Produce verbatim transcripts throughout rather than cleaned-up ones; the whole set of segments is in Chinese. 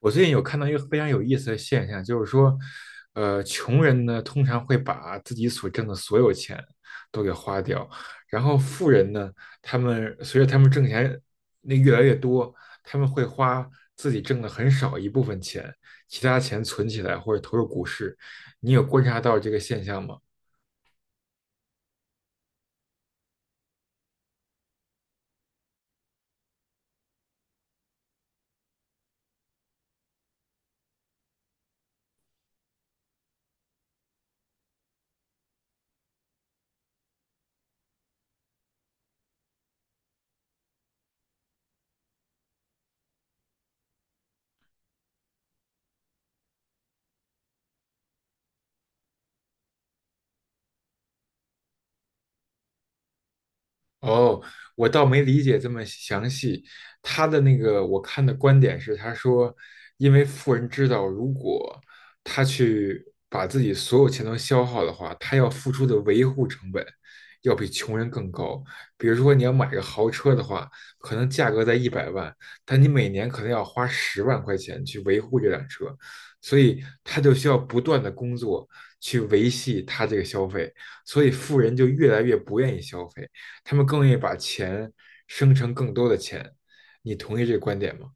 我最近有看到一个非常有意思的现象，就是说，呃，穷人呢通常会把自己所挣的所有钱都给花掉，然后富人呢，他们随着他们挣钱那越来越多，他们会花自己挣的很少一部分钱，其他钱存起来或者投入股市。你有观察到这个现象吗？哦，我倒没理解这么详细。他的那个我看的观点是，他说，因为富人知道，如果他去把自己所有钱都消耗的话，他要付出的维护成本要比穷人更高。比如说，你要买个豪车的话，可能价格在一百万，但你每年可能要花十万块钱去维护这辆车，所以他就需要不断的工作去维系他这个消费，所以富人就越来越不愿意消费。他们更愿意把钱生成更多的钱。你同意这个观点吗？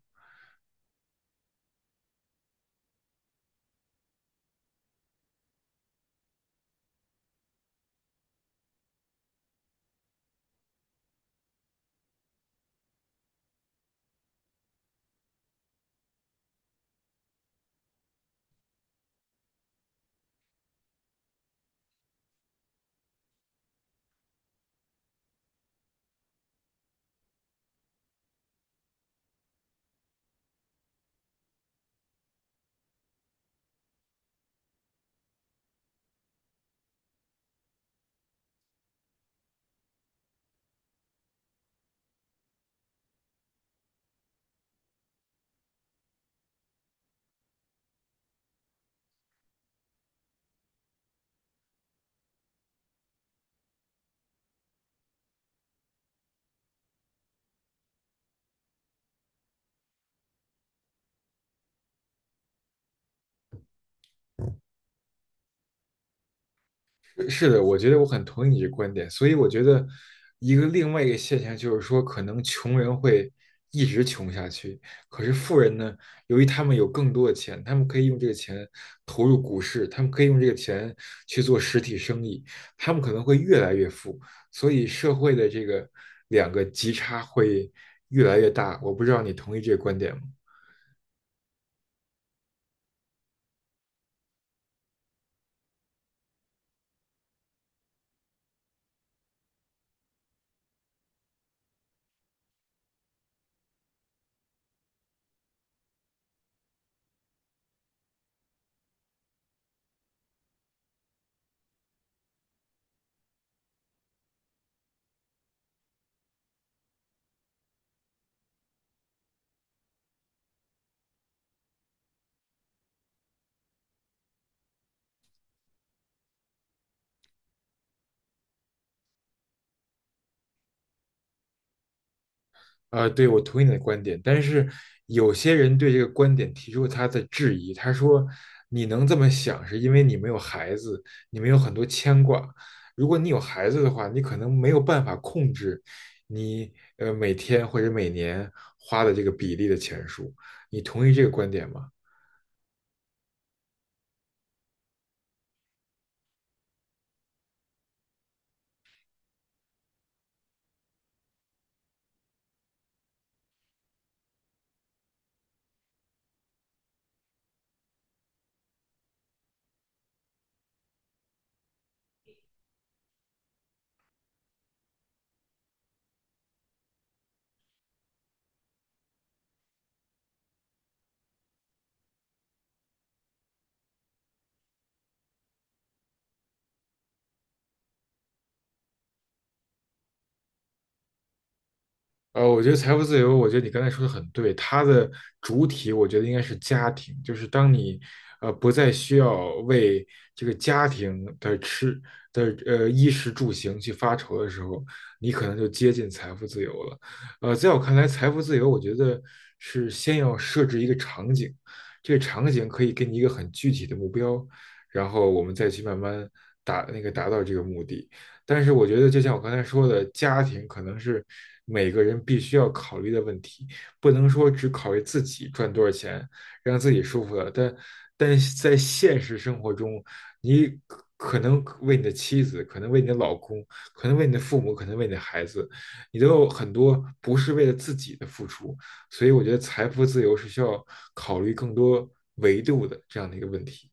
是是的，我觉得我很同意你这个观点。所以我觉得一个另外一个现象就是说，可能穷人会一直穷下去，可是富人呢，由于他们有更多的钱，他们可以用这个钱投入股市，他们可以用这个钱去做实体生意，他们可能会越来越富。所以社会的这个两个极差会越来越大。我不知道你同意这个观点吗？呃，对，我同意你的观点，但是有些人对这个观点提出他的质疑。他说：“你能这么想，是因为你没有孩子，你没有很多牵挂。如果你有孩子的话，你可能没有办法控制你呃每天或者每年花的这个比例的钱数。”你同意这个观点吗？呃，我觉得财富自由，我觉得你刚才说的很对，它的主体我觉得应该是家庭，就是当你呃不再需要为这个家庭的吃的呃衣食住行去发愁的时候，你可能就接近财富自由了。呃，在我看来，财富自由，我觉得是先要设置一个场景，这个场景可以给你一个很具体的目标，然后我们再去慢慢达那个达到这个目的。但是我觉得，就像我刚才说的，家庭可能是每个人必须要考虑的问题，不能说只考虑自己赚多少钱，让自己舒服了。但但是在现实生活中，你可可能为你的妻子，可能为你的老公，可能为你的父母，可能为你的孩子，你都有很多不是为了自己的付出。所以我觉得财富自由是需要考虑更多维度的这样的一个问题。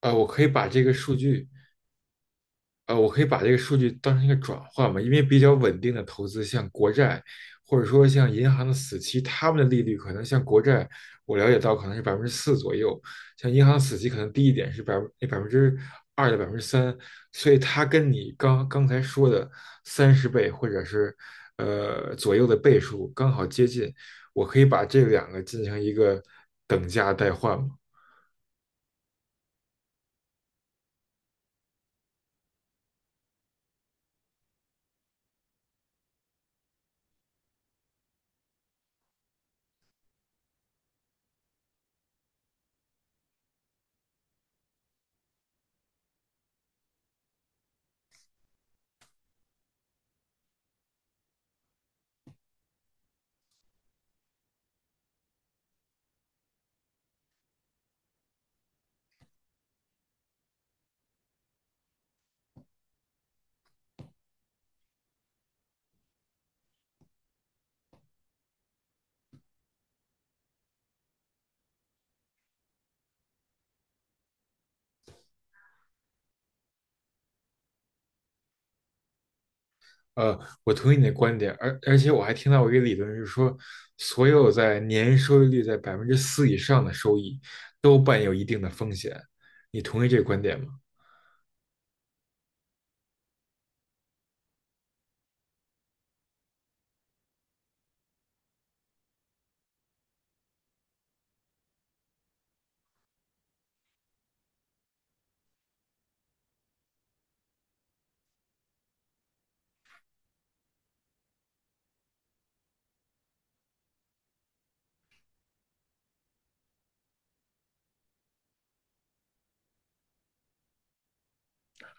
啊、我可以把这个数据呃，我可以把这个数据当成一个转换嘛，因为比较稳定的投资，像国债，或者说像银行的死期，他们的利率可能像国债，我了解到可能是百分之四左右，像银行死期可能低一点是百分百分之二到百分之三，所以它跟你刚刚才说的三十倍或者是呃左右的倍数刚好接近，我可以把这两个进行一个等价代换嘛。呃，我同意你的观点，而而且我还听到过一个理论是说，所有在年收益率在百分之四以上的收益都伴有一定的风险，你同意这个观点吗？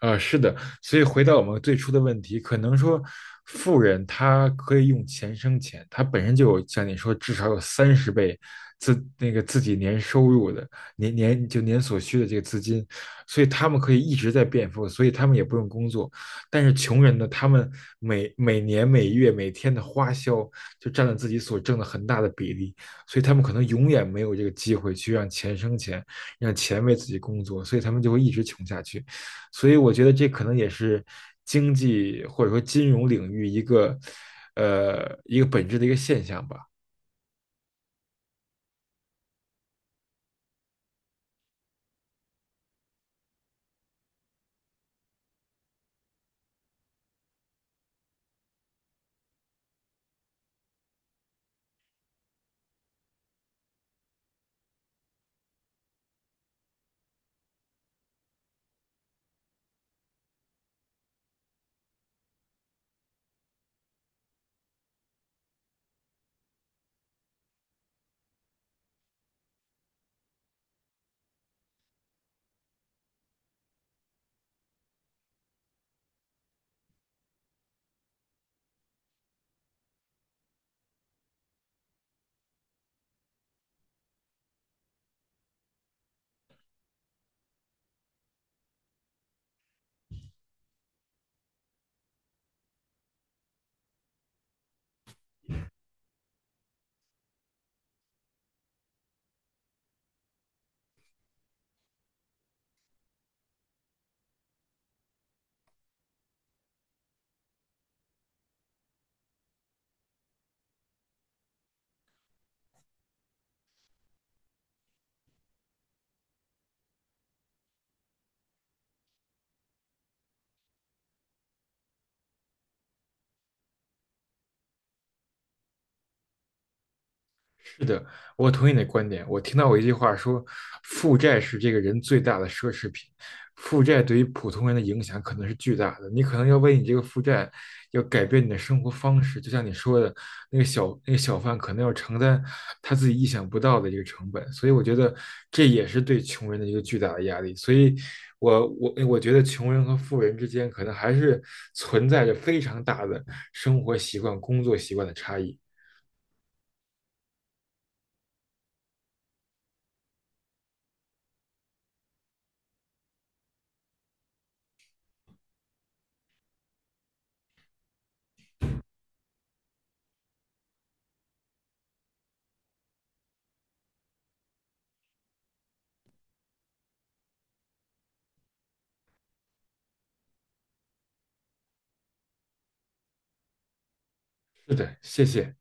呃，是的，所以回到我们最初的问题，可能说富人他可以用钱生钱，他本身就有像你说至少有三十倍自那个自己年收入的年年就年所需的这个资金，所以他们可以一直在变富，所以他们也不用工作。但是穷人呢，他们每每年每月每天的花销就占了自己所挣的很大的比例，所以他们可能永远没有这个机会去让钱生钱，让钱为自己工作，所以他们就会一直穷下去。所以我觉得这可能也是经济或者说金融领域一个呃一个本质的一个现象吧。是的，我同意你的观点。我听到过一句话说，负债是这个人最大的奢侈品。负债对于普通人的影响可能是巨大的，你可能要为你这个负债，要改变你的生活方式。就像你说的，那个小那个小贩可能要承担他自己意想不到的一个成本。所以我觉得这也是对穷人的一个巨大的压力。所以我，我我觉得穷人和富人之间可能还是存在着非常大的生活习惯、工作习惯的差异。是的，谢谢。